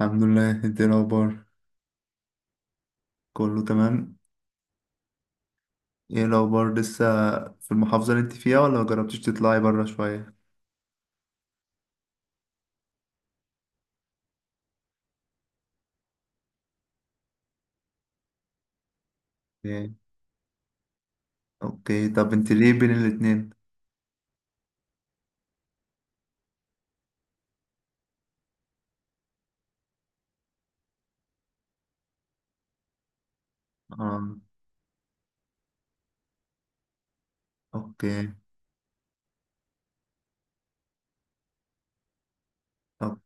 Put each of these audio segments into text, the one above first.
الحمد لله، انت ايه الاخبار؟ كله تمام. ايه الاخبار لسه؟ في المحافظه اللي انت فيها ولا مجربتيش تطلعي بره شويه؟ ايه. اوكي، طب انت ليه بين الاتنين؟ اه. اوكي طب،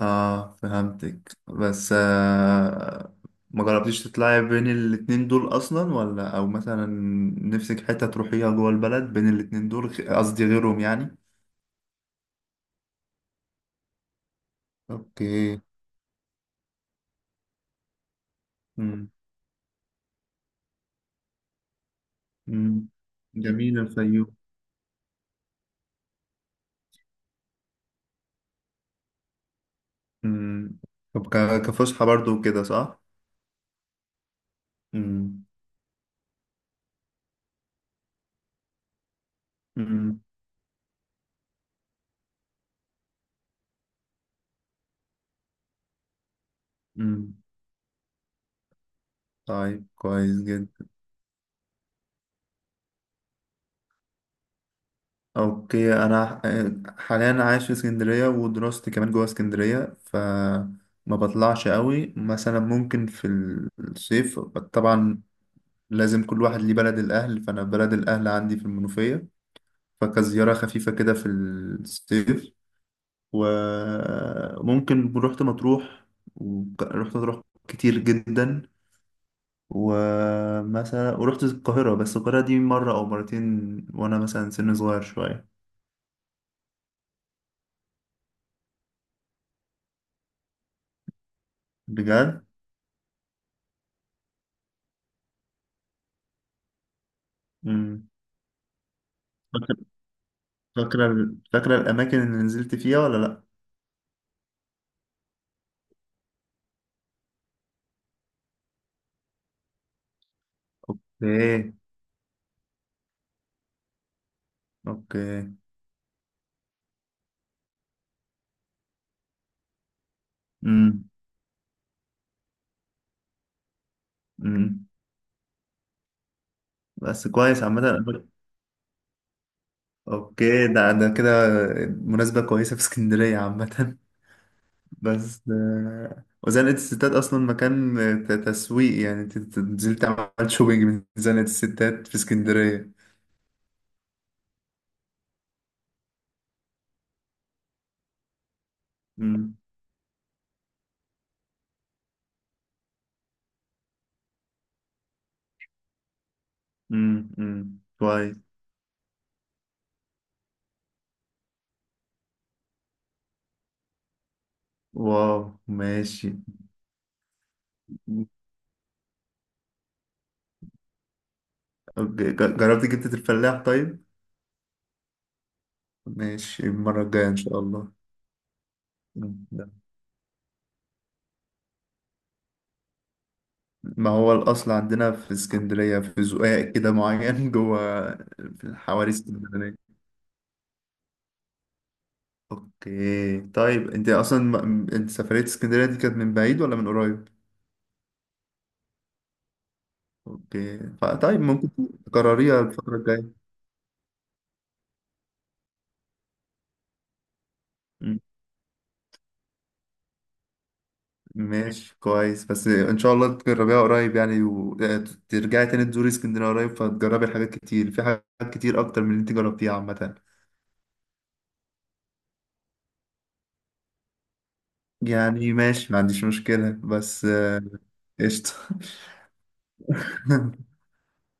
اه فهمتك، بس ما جربتيش تطلعي بين الاتنين دول اصلا، ولا او مثلا نفسك حته تروحيها جوه البلد بين الاتنين دول قصدي غيرهم يعني؟ اوكي. امم امم جميل الفيوم. امم. طب كفسحه برضو كده صح؟ مم. مم. مم. طيب، كويس جدا. اوكي، انا حاليا عايش في اسكندريه، ودراستي كمان جوه اسكندريه، فما بطلعش قوي. مثلا ممكن في الصيف طبعا لازم كل واحد ليه بلد الاهل، فانا بلد الاهل عندي في المنوفيه، فكزياره خفيفه كده في الصيف. وممكن رحت مطروح، ورحت مطروح كتير جدا. ومثلا ورحت القاهرة، بس القاهرة دي مرة أو مرتين وأنا مثلا سن صغير شوية. بجد؟ مم. فاكرة فاكرة فاكرة الأماكن اللي نزلت فيها ولا لأ؟ أوكي. أوكي. مم. مم. بس كويس عامة. أوكي، ده ده كده مناسبة كويسة في اسكندرية عامة. بس وزنقة الستات أصلا مكان تسويق، يعني أنت نزلت عملت شوبينج من زنقة الستات في اسكندرية؟ مم. كويس. واو. ماشي. أوكي. جربت جبتة الفلاح طيب؟ ماشي، المرة الجاية إن شاء الله. مم. ده. ما هو الأصل عندنا في اسكندرية في زقاق كده معين جوه في حواري اسكندرية. أوكي طيب، أنت أصلا أنت سفرية اسكندرية دي كانت من بعيد ولا من قريب؟ أوكي، طيب ممكن تكرريها الفترة الجاية. ماشي، كويس. بس ان شاء الله تجربيها قريب يعني، وترجعي تاني تزوري اسكندريه قريب، فتجربي حاجات كتير، في حاجات كتير اكتر من اللي انت جربتيها عامه. يعني ماشي، ما عنديش مشكله، بس قشطه.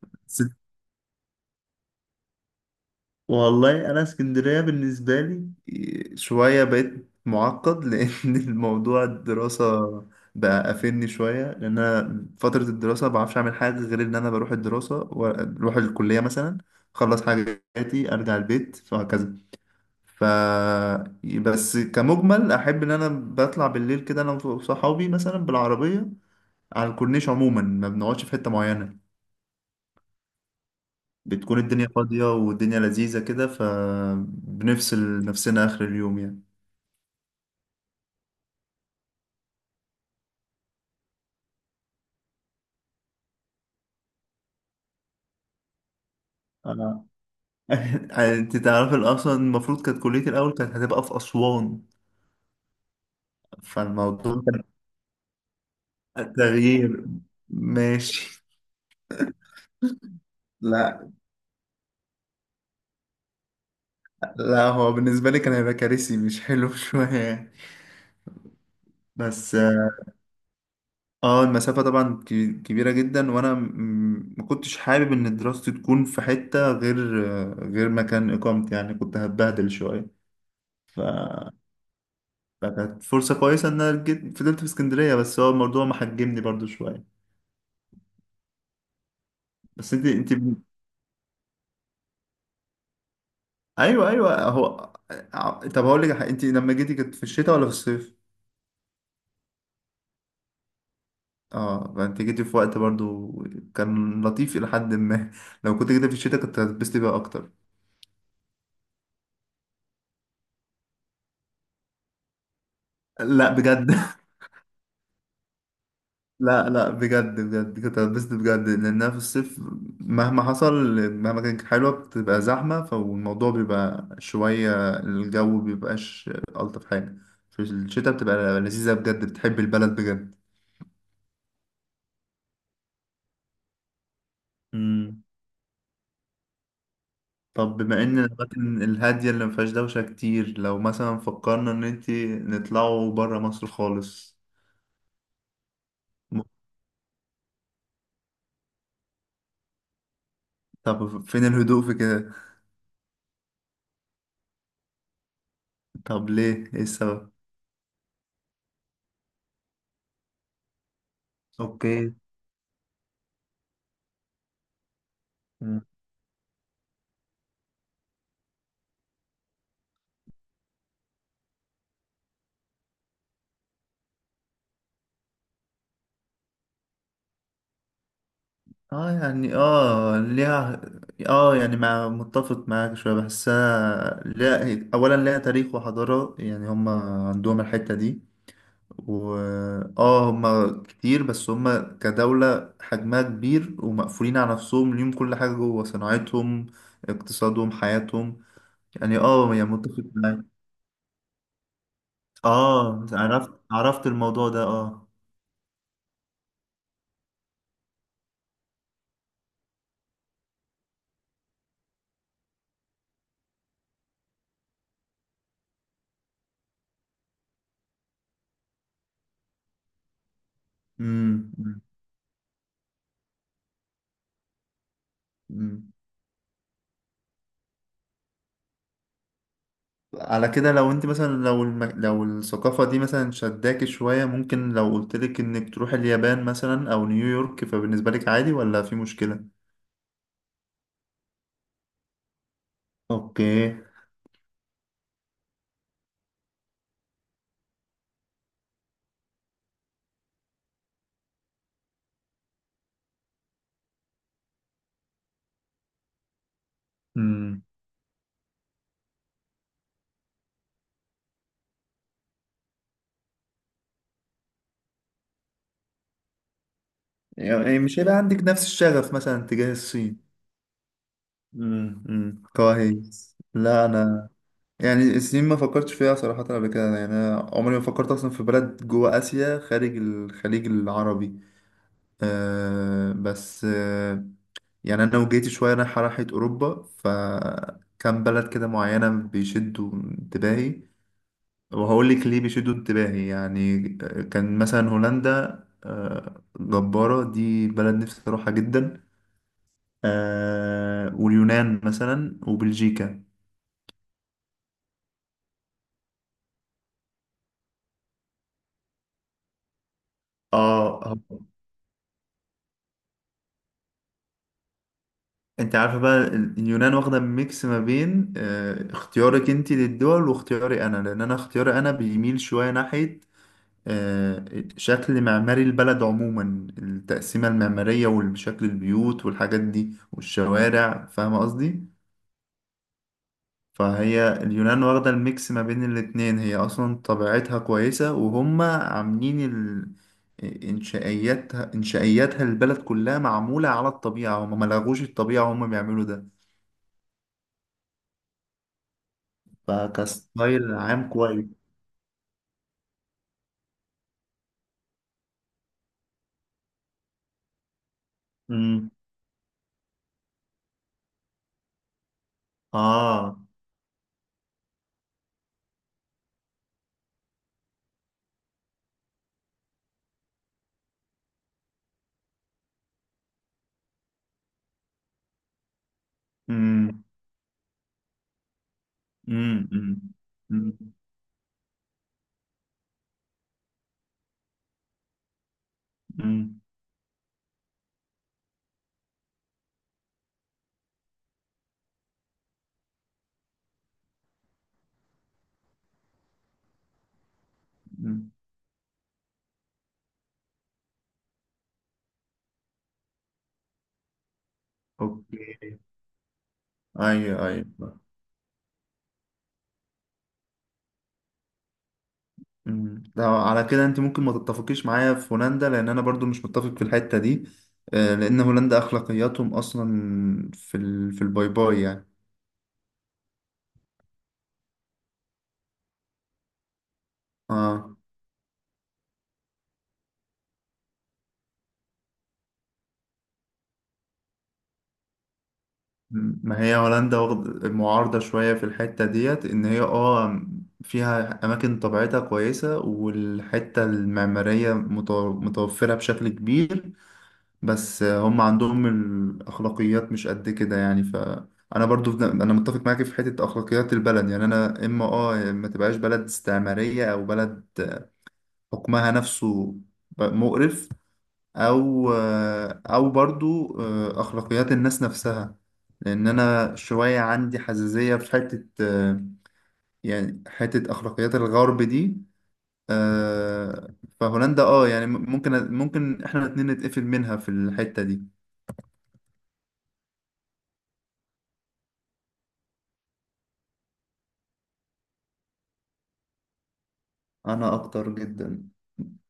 بس، والله انا اسكندريه بالنسبه لي شويه بقيت معقد لان الموضوع الدراسه بقى قافلني شويه، لان انا فتره الدراسه ما بعرفش اعمل حاجه غير ان انا بروح الدراسه واروح الكليه مثلا، اخلص حاجاتي ارجع البيت وهكذا. ف، بس كمجمل احب ان انا بطلع بالليل كده انا وصحابي مثلا بالعربيه على الكورنيش عموما، ما بنقعدش في حته معينه، بتكون الدنيا فاضية والدنيا لذيذة كده، فبنفصل نفسنا آخر اليوم يعني. آه. انت تعرف اصلا المفروض كانت كليتي الاول كانت هتبقى في اسوان، فالموضوع كان تغيير. ماشي. لا لا، هو بالنسبه لي كان هيبقى كارثي، مش حلو شويه يعني. بس اه المسافه طبعا كبيره جدا، وانا ما كنتش حابب ان دراستي تكون في حته غير غير مكان اقامتي، يعني كنت هتبهدل شويه. ف، فكانت فرصة كويسة إن أنا جيت فضلت في اسكندرية، بس هو الموضوع محجمني برضو شوية. بس أنت أيوه أيوه، هو طب هقول لك على حاجة، أنت لما جيتي كانت في الشتاء ولا في الصيف؟ أه، فأنت جيتي في وقت برضو كان لطيف إلى حد ما. لو كنت جيتي في الشتاء كنت هتتبسطي بقى أكتر. لا بجد. لا لا، بجد بجد كنت هتبسط بجد، لأنها في الصيف مهما حصل، مهما كانت حلوة بتبقى زحمة، فالموضوع بيبقى شوية الجو بيبقاش ألطف حاجة. في الشتاء بتبقى لذيذة بجد، بتحب البلد بجد. مم. طب بما إن الأماكن الهادية اللي مفيهاش دوشة كتير، لو مثلا فكرنا إن انتي نطلعوا برا مصر خالص. م- طب فين الهدوء في كده؟ طب ليه، إيه السبب؟ اوكي. اه يعني، اه ليها، اه يعني مع متفق معاك شوية، بحسها لا، اولا ليها تاريخ وحضارة، يعني هم عندهم الحتة دي. و، اه هم كتير، بس هم كدولة حجمها كبير ومقفولين على نفسهم، ليهم كل حاجة جوه: صناعتهم، اقتصادهم، حياتهم. يعني اه، يعني متفق معاك. اه عرفت عرفت الموضوع ده، اه. امم امم، امم. على كده لو انت مثلا، لو الم... لو الثقافة دي مثلا شداكي شوية، ممكن لو قلتلك انك تروح اليابان مثلا او نيويورك، فبالنسبة لك عادي ولا في مشكلة؟ اوكي. امم، يعني مش هيبقى عندك نفس الشغف مثلا تجاه الصين. كويس. لا انا يعني الصين ما فكرتش فيها صراحة قبل كده، يعني انا عمري ما فكرت اصلا في بلد جوه اسيا خارج الخليج العربي. أه بس أه، يعني انا وجيتي شويه رايحه راحه اوروبا، فكان بلد كده معينه بيشدوا انتباهي، وهقول لك ليه بيشدوا انتباهي يعني. كان مثلا هولندا، جباره، دي بلد نفسي اروحها جدا. واليونان مثلا، وبلجيكا. اه، انت عارفه بقى اليونان واخده ميكس ما بين اختيارك انت للدول واختياري انا، لان انا اختياري انا بيميل شويه ناحيه آه، شكل معماري البلد عموما، التقسيمة المعمارية وشكل البيوت والحاجات دي والشوارع، فاهمة قصدي؟ فهي اليونان واخدة الميكس ما بين الاتنين، هي أصلا طبيعتها كويسة، وهم عاملين ال... إنشائياتها، إنشائياتها البلد كلها معمولة على الطبيعة، هم ملغوش الطبيعة، هم بيعملوا ده. فكستايل عام كويس. مم. آه. مم. مم. مم. مم. مم. مم. اوكي، ايوه ايوه. أمم. ده على كده انت ممكن ما تتفقيش معايا في هولندا، لان انا برضو مش متفق في الحتة دي. لان هولندا اخلاقياتهم اصلا في ال... في الباي باي يعني. اه، ما هي هولندا واخد- معارضة شوية في الحتة ديت، ان هي اه فيها اماكن طبيعتها كويسة، والحتة المعمارية متوفرة بشكل كبير، بس هم عندهم الأخلاقيات مش قد كده، يعني فأنا برضو في- أنا متفق معاك في حتة أخلاقيات البلد. يعني أنا إما آه، يا إما تبقاش بلد استعمارية، أو بلد حكمها نفسه مقرف، أو أو برضو أخلاقيات الناس نفسها، لأن أنا شوية عندي حساسية في حتة، يعني حتة أخلاقيات الغرب دي. آه، فهولندا اه يعني، ممكن احنا الاتنين نتقفل منها في الحتة دي. انا اكتر جدا.